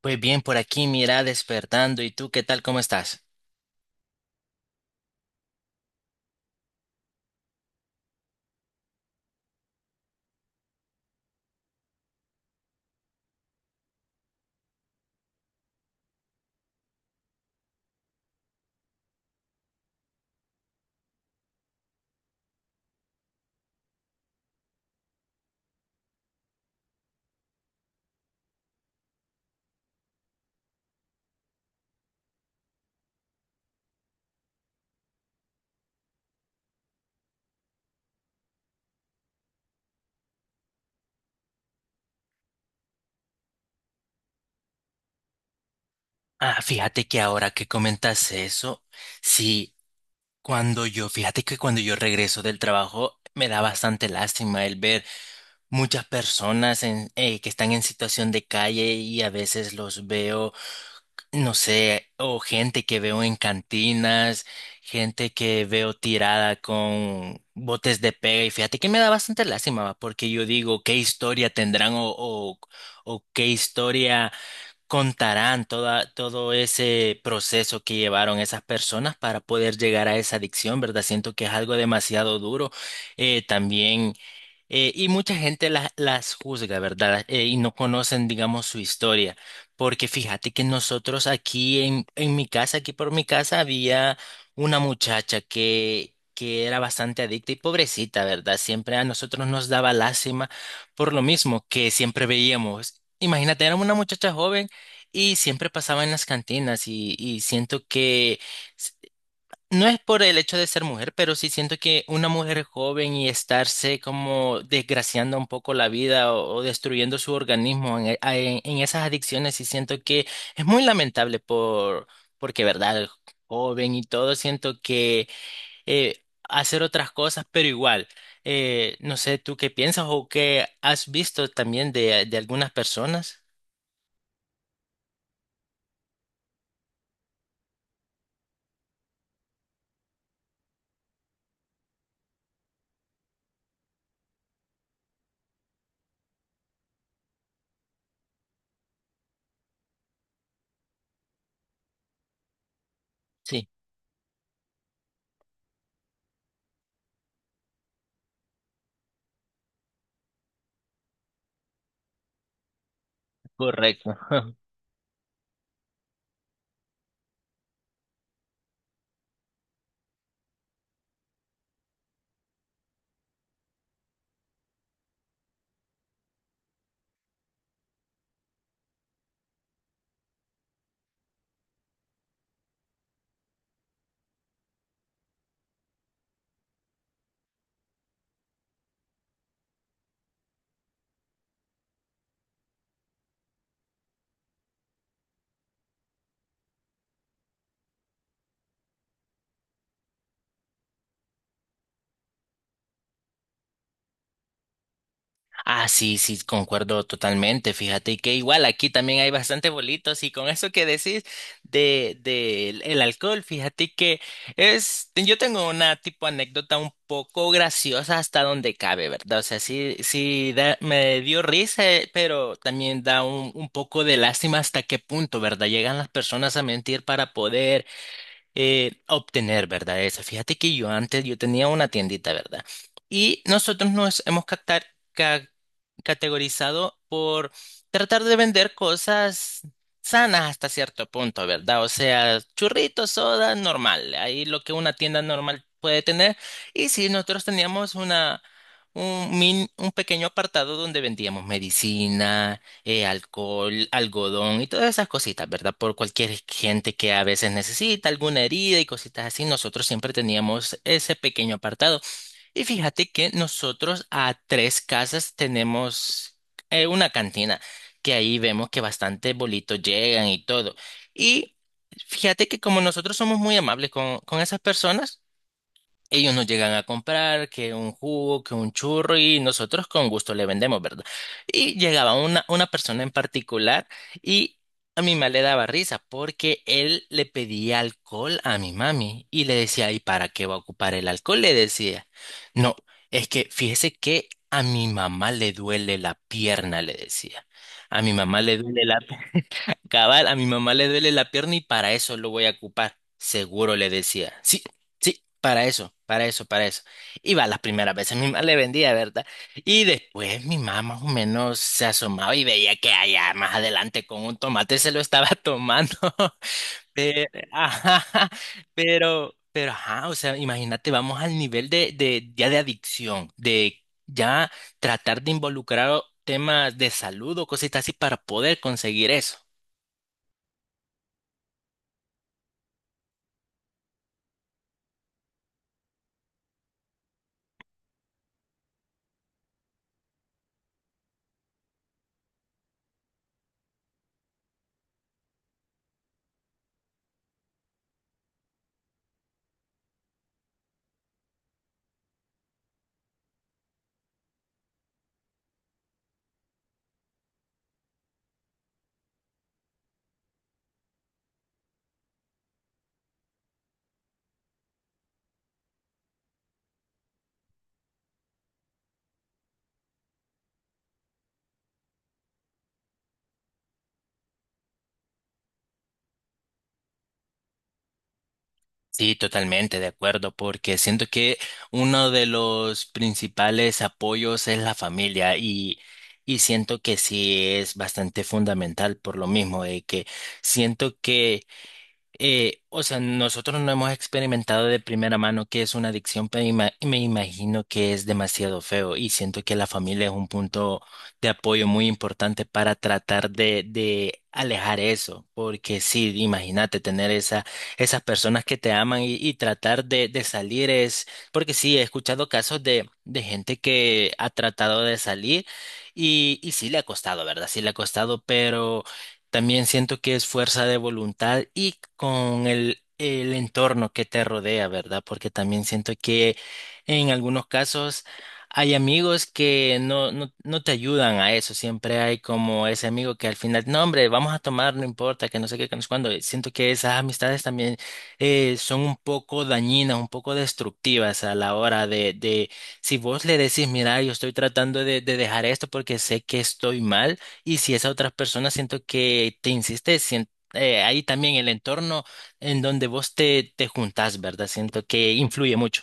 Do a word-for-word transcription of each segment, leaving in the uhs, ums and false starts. Pues bien, por aquí mira despertando. ¿Y tú qué tal? ¿Cómo estás? Ah, fíjate que ahora que comentas eso, sí, cuando yo, fíjate que cuando yo regreso del trabajo me da bastante lástima el ver muchas personas en- eh, que están en situación de calle y a veces los veo no sé, o gente que veo en cantinas, gente que veo tirada con botes de pega y fíjate que me da bastante lástima, va, porque yo digo, ¿qué historia tendrán o, o, o qué historia contarán toda, todo ese proceso que llevaron esas personas para poder llegar a esa adicción, ¿verdad? Siento que es algo demasiado duro. Eh, también... Eh, y mucha gente la- las juzga, ¿verdad? Eh, y no conocen, digamos, su historia. Porque fíjate que nosotros aquí en, en mi casa, aquí por mi casa, había una muchacha que, que era bastante adicta y pobrecita, ¿verdad? Siempre a nosotros nos daba lástima por lo mismo que siempre veíamos. Imagínate, era una muchacha joven y siempre pasaba en las cantinas y, y siento que... No es por el hecho de ser mujer, pero sí siento que una mujer joven y estarse como desgraciando un poco la vida o, o destruyendo su organismo en, e- a- en- en esas adicciones, sí siento que es muy lamentable por, porque, verdad, joven y todo, siento que eh, hacer otras cosas, pero igual, eh, no sé, ¿tú qué piensas o qué has visto también de, de algunas personas? Sí, correcto. Ah, sí, sí, concuerdo totalmente. Fíjate que igual aquí también hay bastante bolitos y con eso que decís de, de el el alcohol, fíjate que es, yo tengo una tipo anécdota un poco graciosa hasta donde cabe, ¿verdad? O sea, sí, sí da- me dio risa, eh, pero también da un, un poco de lástima hasta qué punto, ¿verdad? Llegan las personas a mentir para poder eh, obtener, ¿verdad? Eso. Fíjate que yo antes, yo tenía una tiendita, ¿verdad? Y nosotros nos hemos captar- ca- categorizado por tratar de vender cosas sanas hasta cierto punto, ¿verdad? O sea, churritos, soda, normal, ahí lo que una tienda normal puede tener. Y sí, nosotros teníamos una... Un, min- un pequeño apartado donde vendíamos medicina, eh, alcohol, algodón y todas esas cositas, ¿verdad? Por cualquier gente que a veces necesita alguna herida y cositas así, nosotros siempre teníamos ese pequeño apartado. Y fíjate que nosotros a tres casas tenemos eh, una cantina, que ahí vemos que bastantes bolitos llegan y todo. Y fíjate que como nosotros somos muy amables con, con esas personas, ellos nos llegan a comprar que un jugo, que un churro y nosotros con gusto le vendemos, ¿verdad? Y llegaba una, una persona en particular y a mi mamá le daba risa porque él le pedía alcohol a mi mami y le decía, ¿y para qué va a ocupar el alcohol? Le decía, no, es que fíjese que a mi mamá le duele la pierna, le decía. A mi mamá le duele la Cabal, a mi mamá le duele la pierna y para eso lo voy a ocupar. Seguro le decía. Sí, sí, para eso, para eso, para eso. Iba las primeras veces, mi mamá le vendía, ¿verdad? Y después mi mamá más o menos se asomaba y veía que allá más adelante con un tomate se lo estaba tomando. Pero, ajá, pero, pero, ajá, o sea, imagínate, vamos al nivel de, de, ya de adicción, de ya tratar de involucrar temas de salud o cositas así para poder conseguir eso. Sí, totalmente de acuerdo, porque siento que uno de los principales apoyos es la familia y, y siento que sí es bastante fundamental por lo mismo, de que siento que eh, o sea, nosotros no hemos experimentado de primera mano qué es una adicción, pero ima- me imagino que es demasiado feo y siento que la familia es un punto de apoyo muy importante para tratar de, de alejar eso, porque sí, imagínate tener esa, esas personas que te aman y, y tratar de, de salir es, porque sí, he escuchado casos de, de gente que ha tratado de salir y, y sí le ha costado, ¿verdad? Sí le ha costado, pero... También siento que es fuerza de voluntad y con el, el entorno que te rodea, ¿verdad? Porque también siento que en algunos casos hay amigos que no, no, no te ayudan a eso. Siempre hay como ese amigo que al final, no, hombre, vamos a tomar, no importa, que no sé qué, que no sé cuándo. Siento que esas amistades también eh, son un poco dañinas, un poco destructivas a la hora de, de, si vos le decís, mira, yo estoy tratando de de dejar esto porque sé que estoy mal. Y si esa otra persona siento que te insiste, sien- eh, ahí también el entorno en donde vos te, te juntás, ¿verdad? Siento que influye mucho.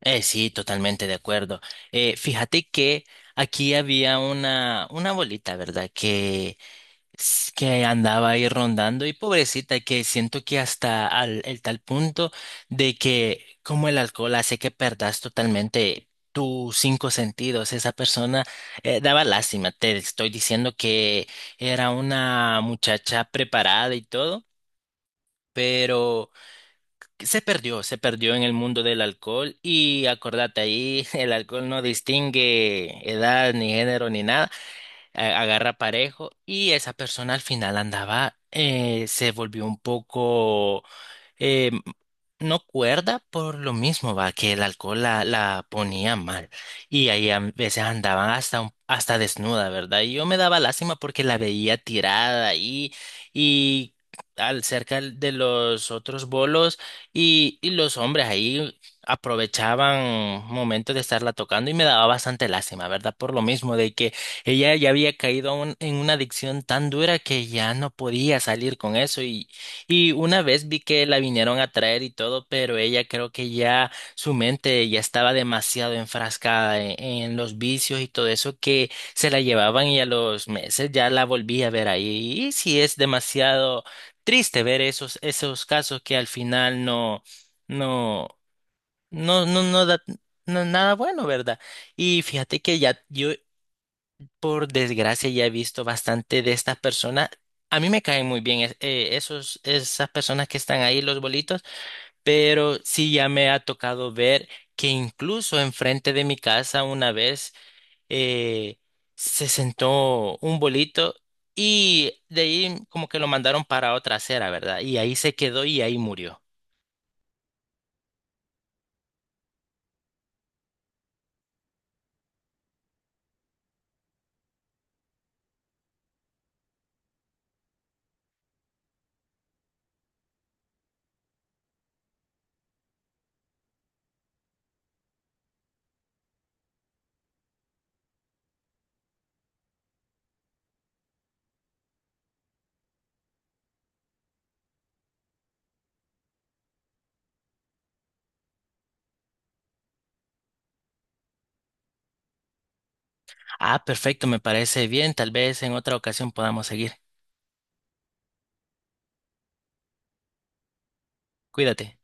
Eh, sí, totalmente de acuerdo. Eh, fíjate que aquí había una, una abuelita, ¿verdad? Que es que andaba ahí rondando y pobrecita, que siento que hasta al, el tal punto de que como el alcohol hace que perdas totalmente tus cinco sentidos, esa persona eh, daba lástima, te estoy diciendo que era una muchacha preparada y todo. Pero que se perdió, se perdió en el mundo del alcohol y acordate ahí, el alcohol no distingue edad ni género ni nada a- agarra parejo y esa persona al final andaba, eh, se volvió un poco eh, no cuerda por lo mismo, va, que el alcohol la, la ponía mal. Y ahí a veces andaban hasta, un- hasta desnuda, ¿verdad? Y yo me daba lástima porque la veía tirada ahí y al cerca de los otros bolos y, y los hombres ahí aprovechaban momentos de estarla tocando y me daba bastante lástima, ¿verdad? Por lo mismo de que ella ya había caído a un- en una adicción tan dura que ya no podía salir con eso y una vez vi que la vinieron a traer y todo, pero ella creo que ya su mente ya estaba demasiado enfrascada en, en los vicios y todo eso que se la llevaban y a los meses ya la volví a ver ahí. Y sí es demasiado triste ver esos, esos casos que al final no, no, no, no, no da no, nada bueno, ¿verdad? Y fíjate que ya yo por desgracia ya he visto bastante de estas personas. A mí me caen muy bien es- eh, esos, esas personas que están ahí, los bolitos, pero sí ya me ha tocado ver que incluso enfrente de mi casa una vez eh, se sentó un bolito y de ahí como que lo mandaron para otra acera, ¿verdad? Y ahí se quedó y ahí murió. Ah, perfecto, me parece bien. Tal vez en otra ocasión podamos seguir. Cuídate.